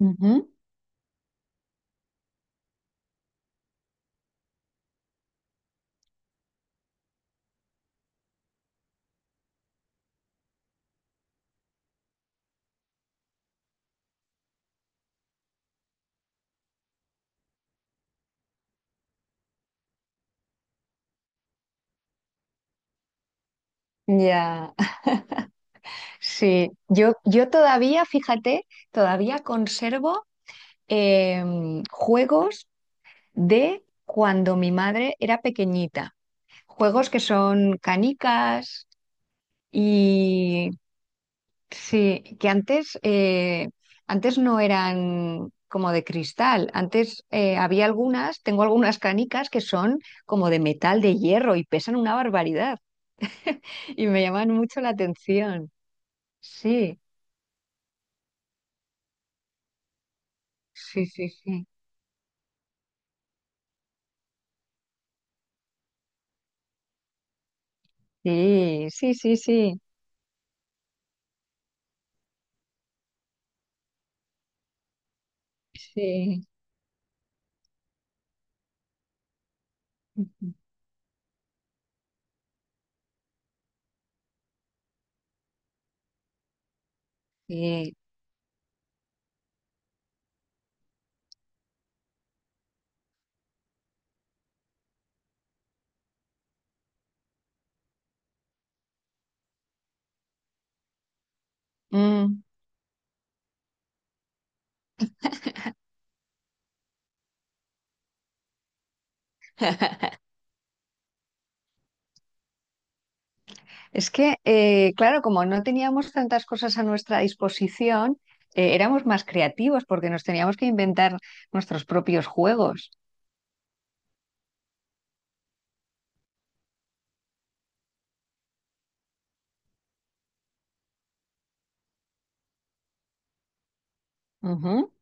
Ujú. Ya, sí. Yo todavía, fíjate, todavía conservo juegos de cuando mi madre era pequeñita. Juegos que son canicas y sí, que antes no eran como de cristal. Antes había algunas, tengo algunas canicas que son como de metal, de hierro y pesan una barbaridad y me llaman mucho la atención. Sí. Sí, sí, sí. Sí, sí, sí, sí. Sí. Ujú. Sí. Mm. Es que, claro, como no teníamos tantas cosas a nuestra disposición, éramos más creativos porque nos teníamos que inventar nuestros propios juegos. Ujú.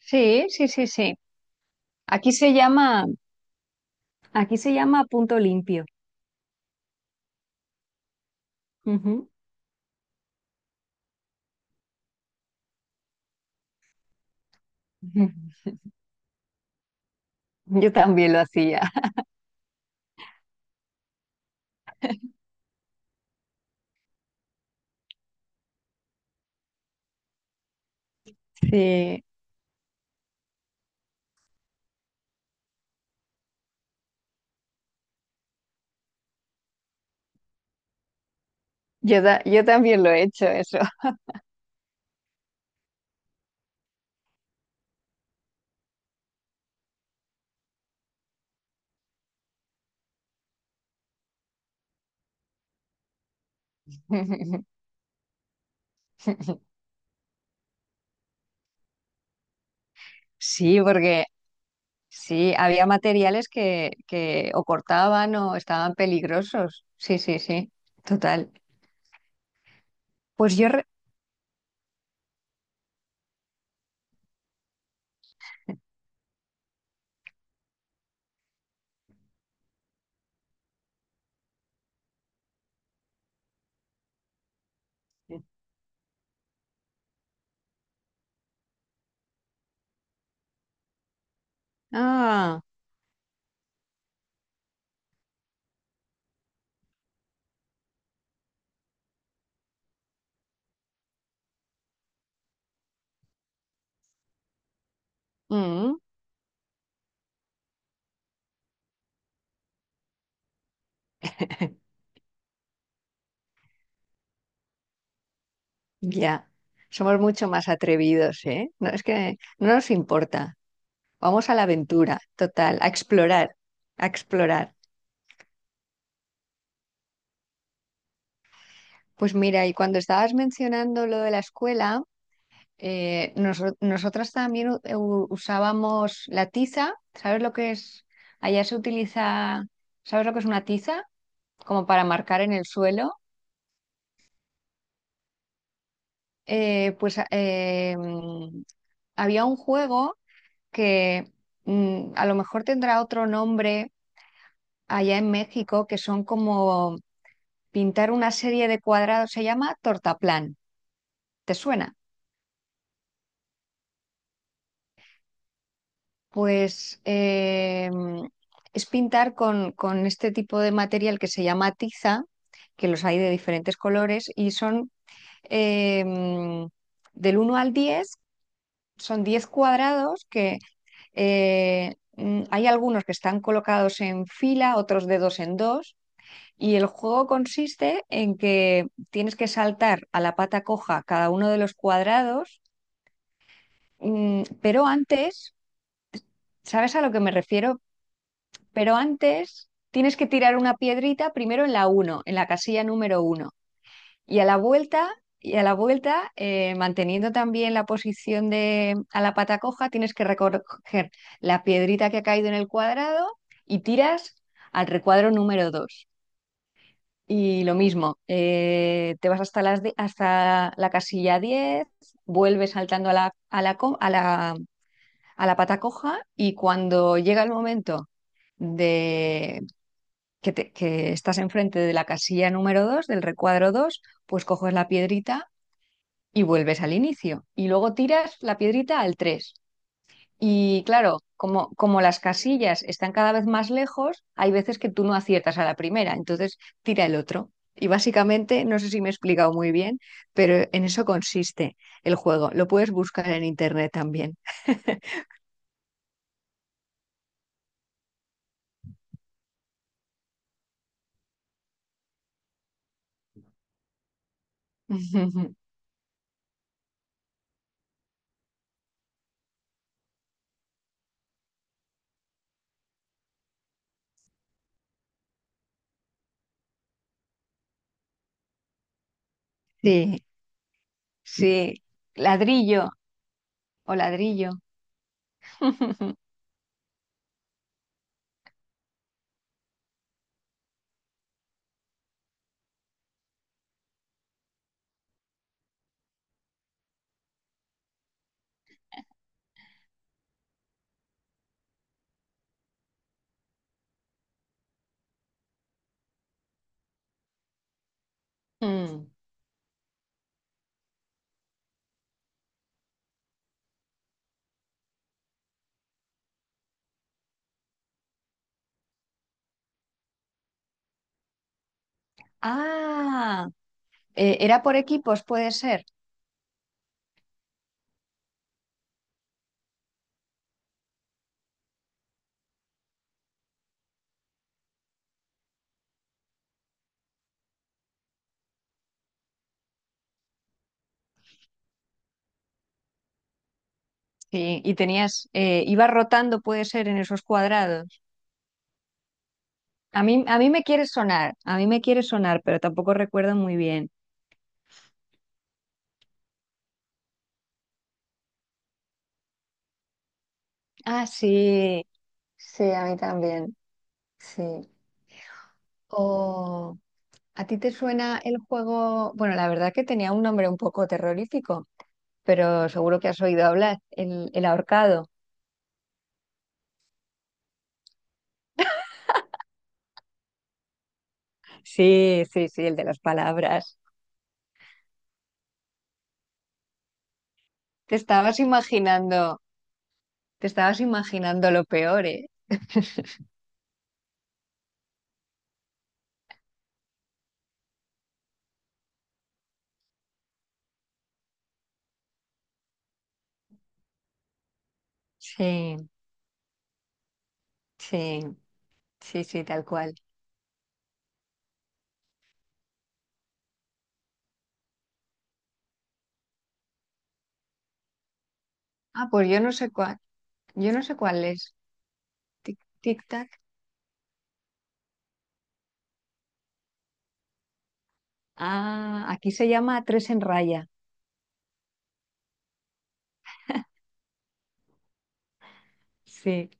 Sí, sí, sí, sí. Aquí se llama, aquí se llama punto limpio. Ujú. Ujú. Yo también lo hacía. Sí, yo también lo he hecho eso. Sí, porque sí, había materiales que o cortaban o estaban peligrosos. Sí, sí, sí, total. Pues ah, mm, ya. Somos mucho más atrevidos, ¿eh? No, es que no nos importa. Vamos a la aventura, total, a explorar, a explorar. Pues mira, y cuando estabas mencionando lo de la escuela... Nosotras también usábamos la tiza. ¿Sabes lo que es? Allá se utiliza, ¿sabes lo que es una tiza? Como para marcar en el suelo. Pues había un juego que a lo mejor tendrá otro nombre allá en México, que son como pintar una serie de cuadrados. Se llama tortaplán. ¿Te suena? Pues es pintar con este tipo de material que se llama tiza, que los hay de diferentes colores y son eh, del uno al 10, son 10 cuadrados que hay algunos que están colocados en fila, otros de dos en dos. Y el juego consiste en que tienes que saltar a la pata coja cada uno de los cuadrados, pero antes, ¿sabes a lo que me refiero? Pero antes tienes que tirar una piedrita primero en la uno, en la casilla número uno. Y a la vuelta, y a la vuelta, manteniendo también la posición de a la pata coja, tienes que recoger la piedrita que ha caído en el cuadrado y tiras al recuadro número 2. Y lo mismo, te vas hasta la casilla 10, vuelves saltando a la, co- a la pata coja y cuando llega el momento de que estás enfrente de la casilla número 2 del recuadro 2, pues coges la piedrita y vuelves al inicio. Y luego tiras la piedrita al tres. Y claro, como las casillas están cada vez más lejos, hay veces que tú no aciertas a la primera, entonces tira el otro. Y básicamente, no sé si me he explicado muy bien, pero en eso consiste el juego. Lo puedes buscar en internet también. Sí, sí. Ladrillo o ladrillo. Mm. Ah, era por equipos, puede ser. Sí, y tenías, ibas rotando, puede ser, en esos cuadrados. A mí me quiere sonar, a mí me quiere sonar, pero tampoco recuerdo muy bien. Ah, sí, sí, a mí también, sí. O, ¿a ti te suena el juego? Bueno, la verdad que tenía un nombre un poco terrorífico, pero seguro que has oído hablar, el ahorcado. Sí, sí, sí, el de las palabras. Te estabas imaginando. Te estabas imaginando lo peor, ¿eh? Sí, sí, sí, sí, tal cual. Ah, pues yo no sé cuál, yo no sé cuál es. Tic, tic, tac. Ah, aquí se llama Tres en Raya. Sí,